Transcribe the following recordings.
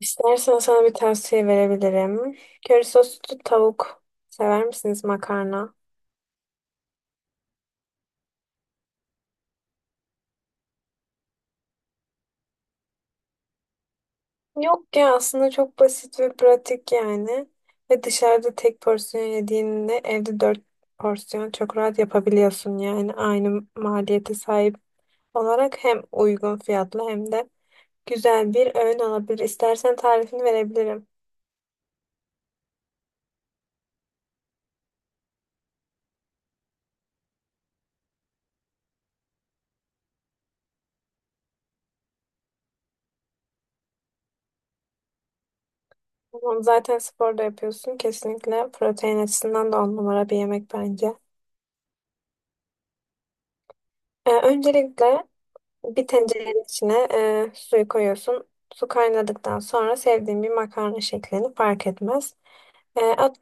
İstersen sana bir tavsiye verebilirim. Köri soslu tavuk sever misiniz makarna? Yok ya aslında çok basit ve pratik yani. Ve dışarıda tek porsiyon yediğinde evde dört porsiyon çok rahat yapabiliyorsun yani. Aynı maliyete sahip olarak hem uygun fiyatlı hem de güzel bir öğün olabilir. İstersen tarifini verebilirim. Tamam, zaten spor da yapıyorsun. Kesinlikle protein açısından da on numara bir yemek bence. Öncelikle bir tencerenin içine suyu koyuyorsun. Su kaynadıktan sonra sevdiğin bir makarna şeklini fark etmez. E, at-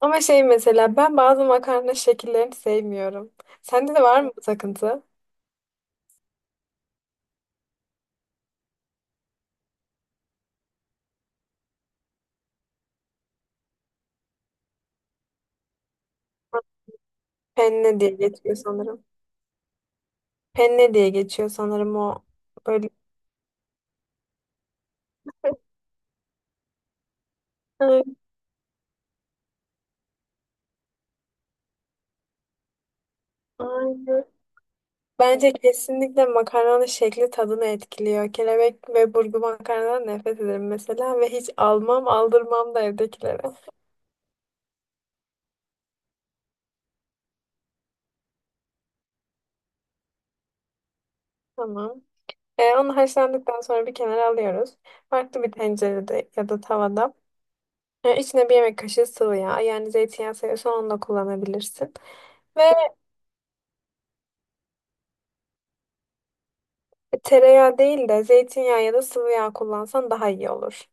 Ama şey mesela ben bazı makarna şekillerini sevmiyorum. Sende de var mı bu takıntı? Penne diye geçiyor sanırım. Penne diye geçiyor sanırım, o böyle. Ay- Aynen. Bence kesinlikle makarnanın şekli tadını etkiliyor. Kelebek ve burgu makarnadan nefret ederim mesela ve hiç almam aldırmam da evdekilere. Tamam. Onu haşlandıktan sonra bir kenara alıyoruz. Farklı bir tencerede ya da tavada. İçine bir yemek kaşığı sıvı yağ. Yani zeytinyağı seviyorsan onu da kullanabilirsin. Ve tereyağı değil de zeytinyağı ya da sıvı yağ kullansan daha iyi olur.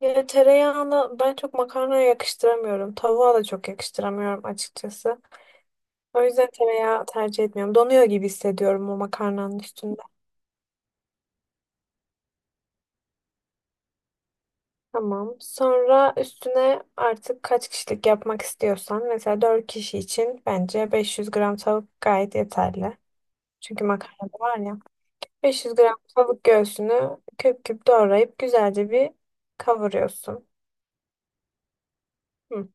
Yani tereyağını ben çok makarnaya yakıştıramıyorum. Tavuğa da çok yakıştıramıyorum açıkçası. O yüzden tereyağı tercih etmiyorum. Donuyor gibi hissediyorum o makarnanın üstünde. Tamam. Sonra üstüne artık kaç kişilik yapmak istiyorsan mesela 4 kişi için bence 500 gram tavuk gayet yeterli. Çünkü makarna da var ya. 500 gram tavuk göğsünü küp küp doğrayıp güzelce bir kavuruyorsun. Hı.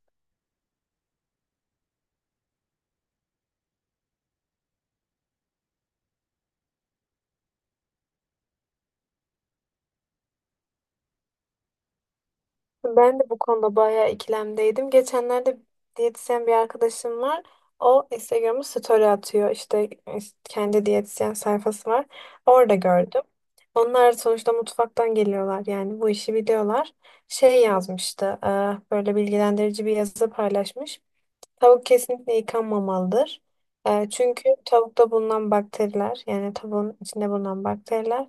Ben de bu konuda bayağı ikilemdeydim. Geçenlerde diyetisyen bir arkadaşım var. O Instagram'a story atıyor. İşte kendi diyetisyen sayfası var. Orada gördüm. Onlar sonuçta mutfaktan geliyorlar. Yani bu işi biliyorlar. Şey yazmıştı. Böyle bilgilendirici bir yazı paylaşmış. Tavuk kesinlikle yıkanmamalıdır. Çünkü tavukta bulunan bakteriler, yani tavuğun içinde bulunan bakteriler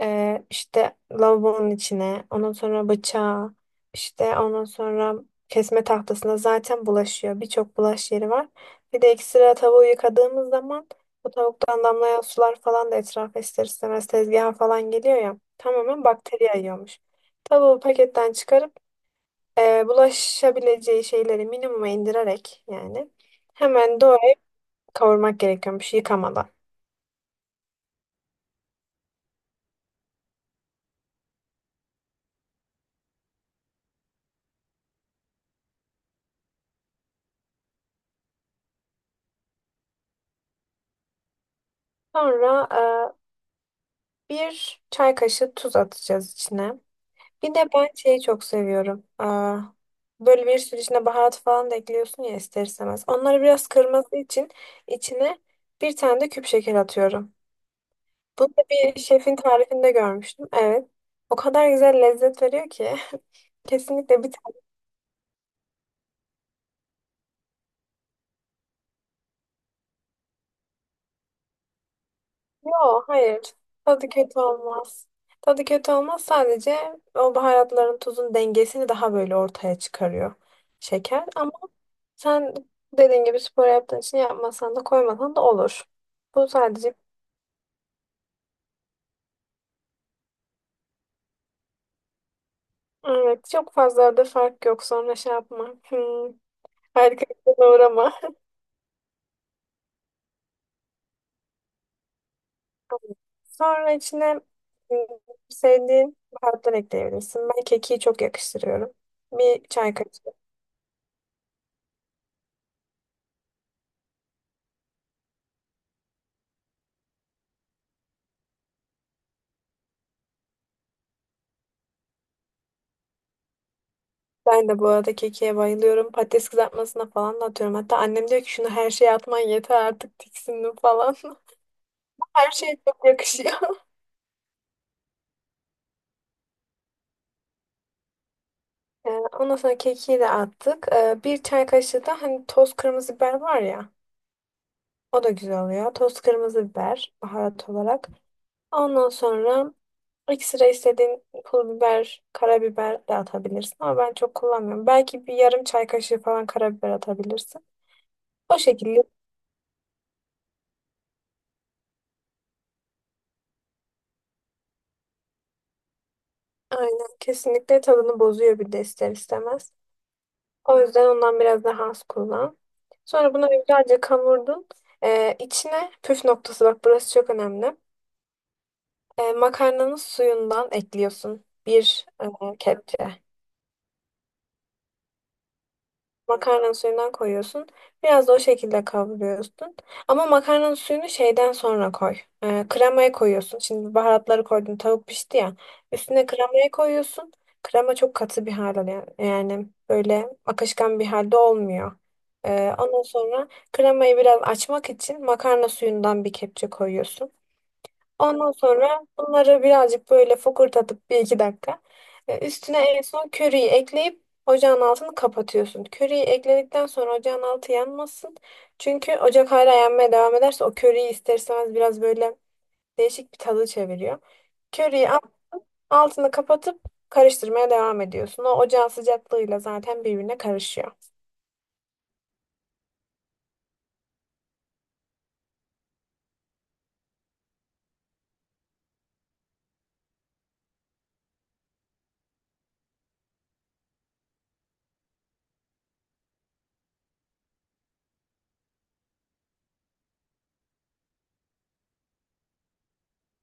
işte lavabonun içine, ondan sonra bıçağa, işte ondan sonra kesme tahtasına zaten bulaşıyor. Birçok bulaş yeri var. Bir de ekstra tavuğu yıkadığımız zaman bu tavuktan damlayan sular falan da etrafa ister istemez tezgaha falan geliyor ya. Tamamen bakteri yayıyormuş. Tavuğu paketten çıkarıp bulaşabileceği şeyleri minimuma indirerek, yani hemen doğru kavurmak gerekiyormuş yıkamadan. Sonra bir çay kaşığı tuz atacağız içine. Bir de ben şeyi çok seviyorum. Böyle bir sürü içine baharat falan da ekliyorsun ya ister istemez. Onları biraz kırması için içine bir tane de küp şeker atıyorum. Bunu da bir şefin tarifinde görmüştüm. Evet. O kadar güzel lezzet veriyor ki. Kesinlikle bir tane. Yok, hayır. Tadı kötü olmaz. Tadı kötü olmaz. Sadece o baharatların, tuzun dengesini daha böyle ortaya çıkarıyor şeker. Ama sen dediğin gibi spor yaptığın için yapmasan da, koymasan da olur. Bu sadece evet, çok fazla da fark yok. Sonra şey yapma. Harika bir şeye uğrama. Sonra içine mm, sevdiğin baharatlar ekleyebilirsin. Ben kekiği çok yakıştırıyorum. Bir çay kaşığı. Ben de bu arada kekiğe bayılıyorum. Patates kızartmasına falan da atıyorum. Hatta annem diyor ki şunu her şeye atman yeter artık, tiksindim falan. Her şey çok yakışıyor. Ee, Ondan sonra kekiği de attık. Bir çay kaşığı da hani toz kırmızı biber var ya. O da güzel oluyor. Toz kırmızı biber baharat olarak. Ondan sonra ekstra istediğin pul biber, karabiber de atabilirsin ama ben çok kullanmıyorum. Belki bir yarım çay kaşığı falan karabiber atabilirsin. O şekilde aynen, kesinlikle tadını bozuyor bir de ister istemez. O yüzden ondan biraz daha az kullan. Sonra bunu güzelce kavurdun. İçine püf noktası, bak burası çok önemli. Makarnanın suyundan ekliyorsun. Bir kepçe. Makarnanın suyundan koyuyorsun. Biraz da o şekilde kavuruyorsun. Ama makarnanın suyunu şeyden sonra koy. Kremaya koyuyorsun. Şimdi baharatları koydun. Tavuk pişti ya. Üstüne kremayı koyuyorsun. Krema çok katı bir hal alıyor. Yani böyle akışkan bir halde olmuyor. Ondan sonra kremayı biraz açmak için makarna suyundan bir kepçe koyuyorsun. Ondan sonra bunları birazcık böyle fokurdatıp bir iki dakika. Üstüne en son köriyi ekleyip ocağın altını kapatıyorsun. Köriyi ekledikten sonra ocağın altı yanmasın. Çünkü ocak hala yanmaya devam ederse o köriyi ister istemez biraz böyle değişik bir tadı çeviriyor. Köriyi Altını kapatıp karıştırmaya devam ediyorsun. O ocağın sıcaklığıyla zaten birbirine karışıyor.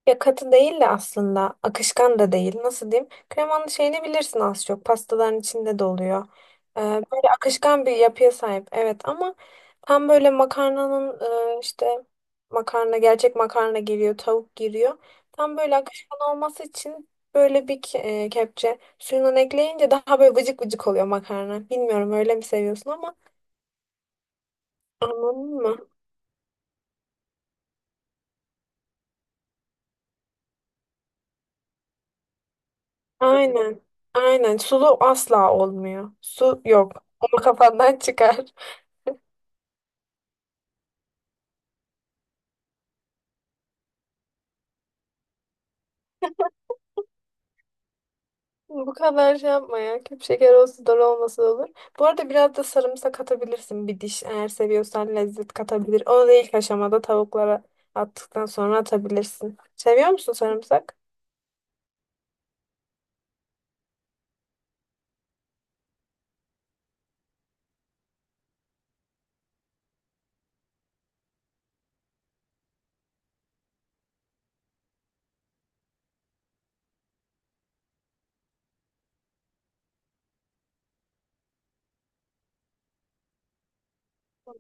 Ya katı değil de aslında akışkan da değil. Nasıl diyeyim? Kremanın şeyini bilirsin az çok. Pastaların içinde de oluyor. Böyle akışkan bir yapıya sahip. Evet ama tam böyle makarnanın e, işte makarna gerçek makarna giriyor, tavuk giriyor. Tam böyle akışkan olması için böyle bir kepçe suyundan ekleyince daha böyle vıcık vıcık oluyor makarna. Bilmiyorum öyle mi seviyorsun ama anladın mı? Aynen. Aynen. Sulu asla olmuyor. Su yok. Ama kafandan çıkar. Bu kadar şey yapma ya. Küp şeker olsa dolu olmasa da olur. Bu arada biraz da sarımsak atabilirsin, bir diş. Eğer seviyorsan lezzet katabilir. Onu da ilk aşamada tavuklara attıktan sonra atabilirsin. Seviyor musun sarımsak?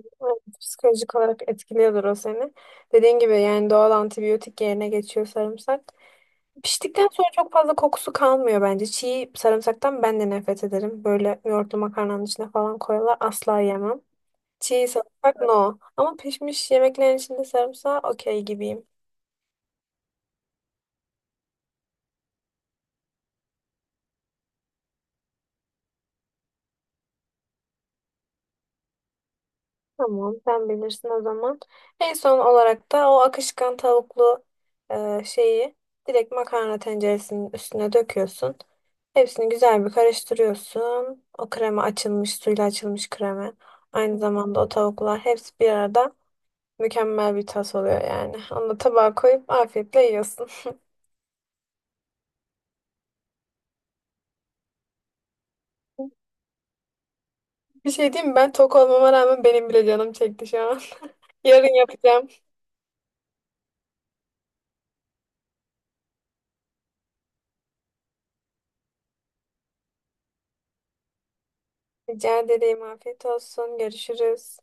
Evet, psikolojik olarak etkiliyordur o seni. Dediğin gibi yani doğal antibiyotik yerine geçiyor sarımsak. Piştikten sonra çok fazla kokusu kalmıyor bence. Çiğ sarımsaktan ben de nefret ederim. Böyle yoğurtlu makarnanın içine falan koyuyorlar. Asla yemem. Çiğ sarımsak no. Ama pişmiş yemeklerin içinde sarımsağı okey gibiyim. Tamam, sen bilirsin o zaman. En son olarak da o akışkan tavuklu şeyi direkt makarna tenceresinin üstüne döküyorsun. Hepsini güzel bir karıştırıyorsun. O krema açılmış, suyla açılmış krema. Aynı zamanda o tavuklar hepsi bir arada mükemmel bir tas oluyor yani. Onu da tabağa koyup afiyetle yiyorsun. Bir şey diyeyim mi? Ben tok olmama rağmen benim bile canım çekti şu an. Yarın yapacağım. Rica ederim. Afiyet olsun. Görüşürüz.